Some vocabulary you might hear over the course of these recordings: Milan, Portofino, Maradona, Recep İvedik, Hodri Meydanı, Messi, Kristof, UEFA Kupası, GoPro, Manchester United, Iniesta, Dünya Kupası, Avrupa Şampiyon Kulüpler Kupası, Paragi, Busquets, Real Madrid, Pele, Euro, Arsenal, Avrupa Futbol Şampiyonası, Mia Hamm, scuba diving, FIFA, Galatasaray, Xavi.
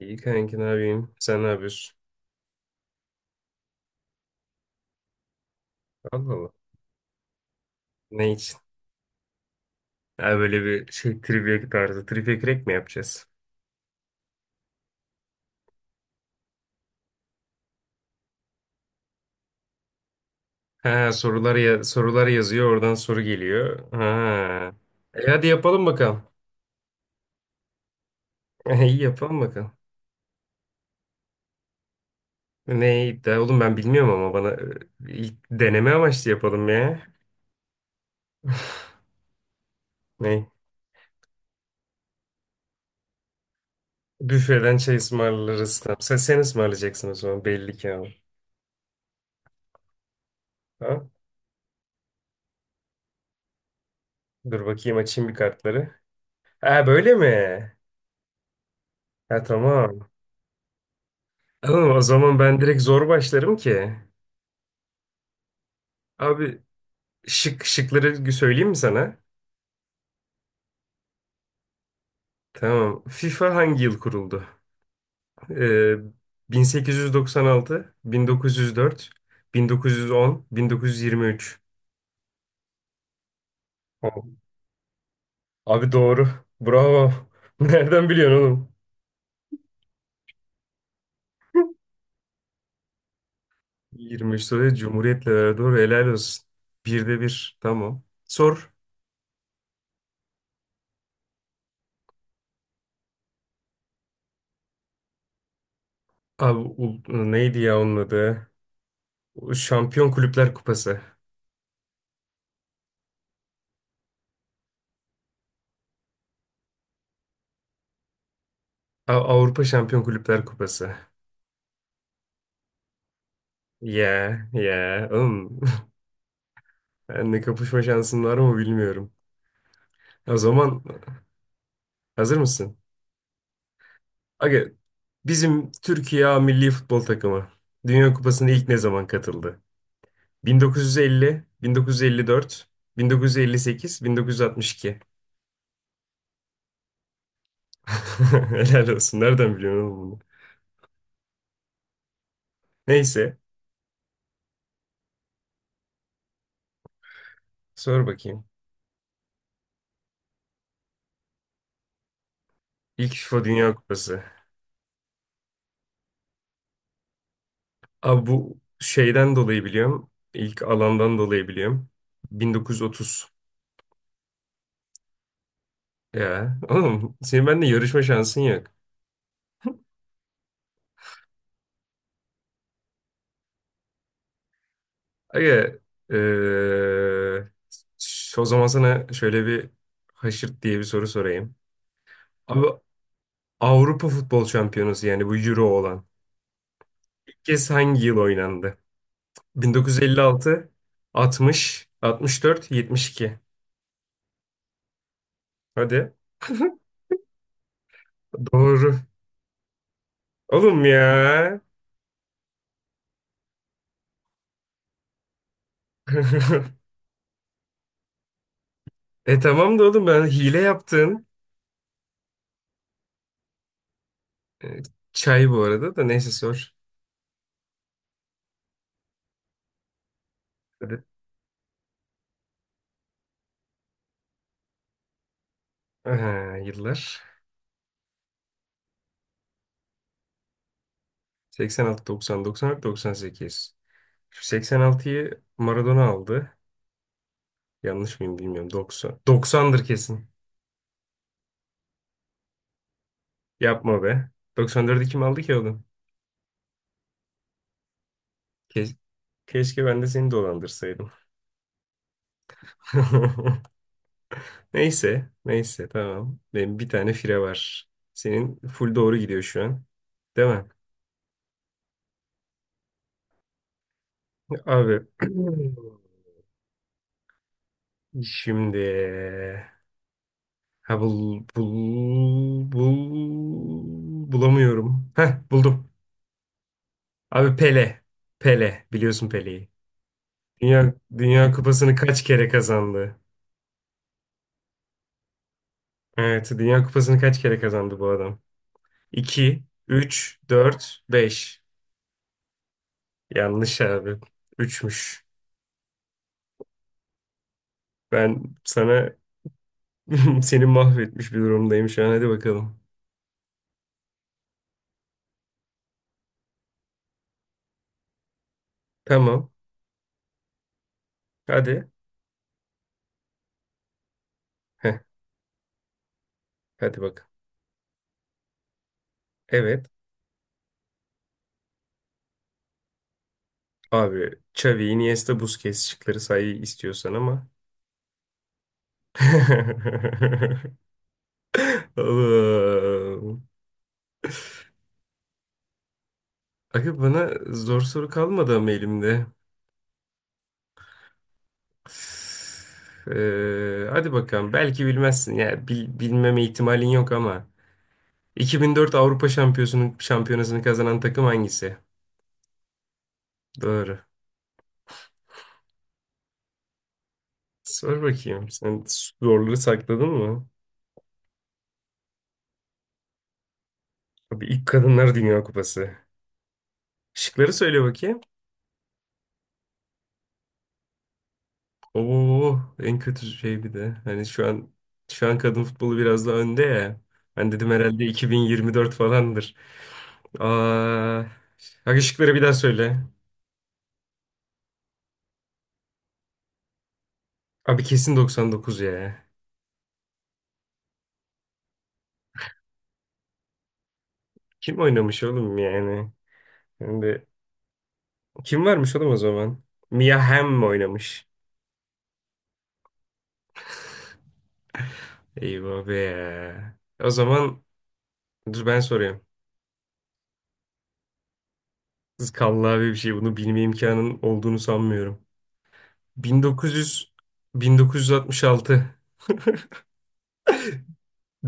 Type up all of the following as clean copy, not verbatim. İyi kanki ne yapayım? Sen ne yapıyorsun? Allah Allah. Ne için? Ha, böyle bir şey trivia tarzı. Trivia Crack mi yapacağız? Ha sorular ya sorular yazıyor oradan soru geliyor. Ha. E, hadi yapalım bakalım. İyi yapalım bakalım. Ne iddia oğlum ben bilmiyorum ama bana ilk deneme amaçlı yapalım ya. Ne? Büfeden çay ısmarlarız. Tamam. Sen ısmarlayacaksın o zaman belli ki ama. Ha? Dur bakayım açayım bir kartları. Ha böyle mi? Ha tamam. Tamam, o zaman ben direkt zor başlarım ki. Abi şıkları söyleyeyim mi sana? Tamam. FIFA hangi yıl kuruldu? Ee, 1896, 1904, 1910, 1923. Oo, abi doğru. Bravo. Nereden biliyorsun oğlum? 23 soruya Cumhuriyet'le beraber doğru. Helal olsun. Birde bir. Tamam. Sor. Abi neydi ya onun adı? Şampiyon Kulüpler Kupası. Avrupa Şampiyon Kulüpler Kupası. Ya ya oğlum benle kapışma şansın var mı bilmiyorum. O zaman hazır mısın? Aga bizim Türkiye A milli futbol takımı Dünya Kupası'na ilk ne zaman katıldı? 1950, 1954, 1958, 1962. Helal olsun. Nereden biliyorsun oğlum bunu? Neyse sor bakayım. İlk FIFA Dünya Kupası. Abi bu şeyden dolayı biliyorum. İlk alandan dolayı biliyorum. 1930. Ya oğlum senin benimle yarışma şansın yok. Aga eee, o zaman sana şöyle bir haşırt diye bir soru sorayım. Abi Avrupa Futbol Şampiyonası yani bu Euro olan ilk kez hangi yıl oynandı? 1956, 60, 64, 72. Hadi. Doğru. Oğlum ya. E tamam da oğlum ben hile yaptın. E, çay bu arada da neyse sor. Hadi. Aha, yıllar. 86, 90, 94, 98. Şu 86'yı Maradona aldı. Yanlış mıyım bilmiyorum. 90. 90'dır kesin. Yapma be. 94'ü kim aldı ki oğlum? Ke- Keşke ben de seni dolandırsaydım. Neyse. Neyse tamam. Benim bir tane fire var. Senin full doğru gidiyor şu an. Değil mi? Abi. Şimdi. Ha bulamıyorum. Heh buldum. Abi Pele. Pele. Biliyorsun Pele'yi. Dünya Kupası'nı kaç kere kazandı? Evet. Dünya Kupası'nı kaç kere kazandı bu adam? 2, 3, 4, 5. Yanlış abi. Üçmüş. Ben sana seni mahvetmiş bir durumdayım şu an. Hadi bakalım. Tamam. Hadi. Heh, hadi bak. Evet. Abi Xavi, Iniesta, Busquets şıkları say istiyorsan ama. Oğlum. Aga bana zor soru kalmadı ama elimde. Hadi bakalım. Belki bilmezsin. Ya bilmeme ihtimalin yok ama. 2004 Avrupa Şampiyonası'nın şampiyonasını kazanan takım hangisi? Doğru. Sor bakayım. Sen zorları sakladın mı? Abi ilk Kadınlar Dünya Kupası. Şıkları söyle bakayım. Oo, en kötü şey bir de. Hani şu an kadın futbolu biraz daha önde ya. Ben dedim herhalde 2024 falandır. Aa, bak ışıkları bir daha söyle. Abi kesin 99 ya. Kim oynamış oğlum yani? Hem kim varmış oğlum o zaman? Mia Hamm mi oynamış? Eyvah be. O zaman dur ben soruyorum. Kız kallavi bir şey bunu bilme imkanın olduğunu sanmıyorum. 1900 1966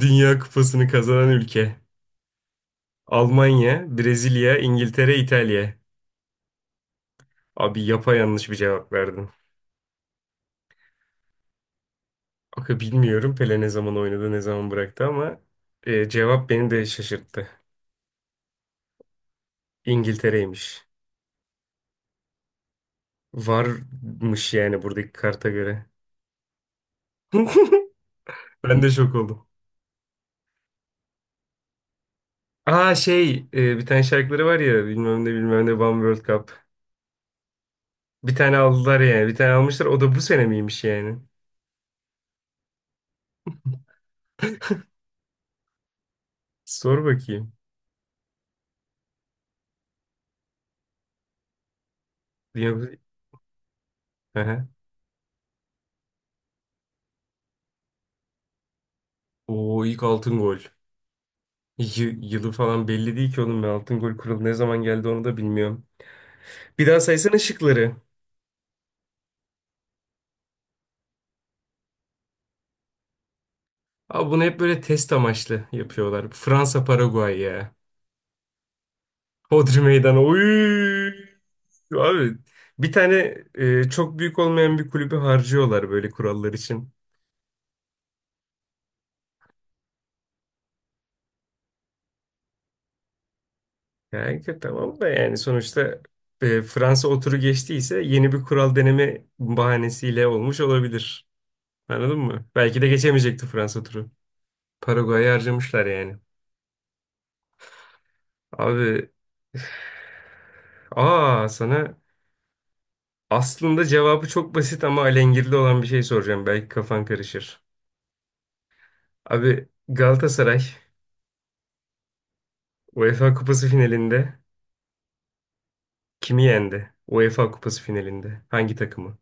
Dünya Kupası'nı kazanan ülke. Almanya, Brezilya, İngiltere, İtalya. Abi yanlış bir cevap verdim. Aga bilmiyorum Pele ne zaman oynadı, ne zaman bıraktı ama cevap beni de şaşırttı. İngiltere'ymiş. Varmış yani buradaki karta göre. Ben de şok oldum. Aa şey bir tane şarkıları var ya bilmem ne bilmem ne One World Cup. Bir tane aldılar yani. Bir tane almışlar. O da bu sene miymiş yani? Sor bakayım. Dünya... Aha. Oo ilk altın gol. Yılı falan belli değil ki oğlum ben altın gol kuralı ne zaman geldi onu da bilmiyorum. Bir daha saysana şıkları. Abi bunu hep böyle test amaçlı yapıyorlar. Fransa Paraguay ya. Hodri Meydanı. Oy! Abi bir tane çok büyük olmayan bir kulübü harcıyorlar böyle kurallar için. Yani ki tamam da yani sonuçta Fransa oturu geçtiyse yeni bir kural deneme bahanesiyle olmuş olabilir. Anladın mı? Belki de geçemeyecekti Fransa turu. Paraguay'ı harcamışlar yani. Abi üf. Aa sana aslında cevabı çok basit ama alengirli olan bir şey soracağım. Belki kafan karışır. Abi Galatasaray UEFA Kupası finalinde kimi yendi? UEFA Kupası finalinde hangi takımı?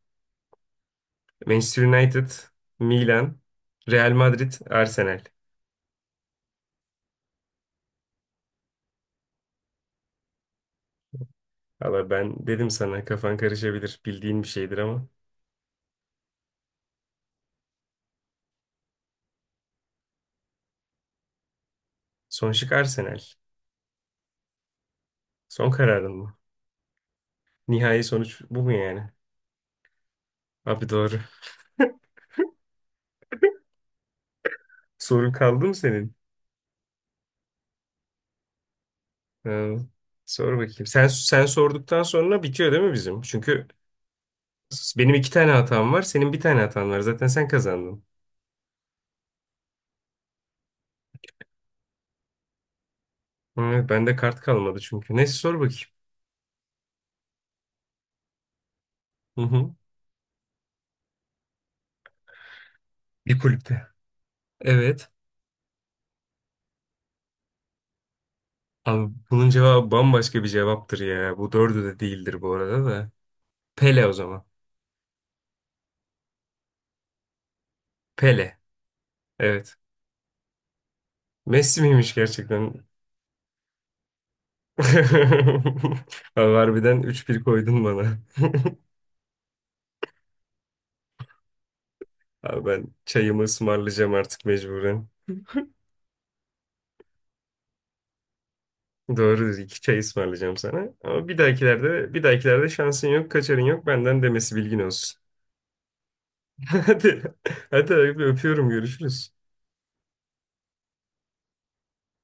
Manchester United, Milan, Real Madrid, Arsenal. Valla ben dedim sana kafan karışabilir. Bildiğin bir şeydir ama. Son şık Arsenal. Son kararın mı? Nihai sonuç bu mu yani? Abi doğru. Sorun kaldı mı senin? Ee, Sor bakayım. Sen sorduktan sonra bitiyor değil mi bizim? Çünkü benim iki tane hatam var, senin bir tane hatan var. Zaten sen kazandın. Hı, bende kart kalmadı çünkü. Neyse sor bakayım. Hı hı. Bir kulüpte. Evet. Abi bunun cevabı bambaşka bir cevaptır ya. Bu dördü de değildir bu arada da. Pele o zaman. Pele. Evet. Messi miymiş gerçekten? Abi harbiden üç bir koydun bana. Abi ben çayımı ısmarlayacağım artık mecburen. Doğrudur. İki çay ısmarlayacağım sana. Ama bir dahakilerde, bir dahakilerde şansın yok, kaçarın yok. Benden demesi bilgin olsun. Hadi. Hadi abi, öpüyorum. Görüşürüz.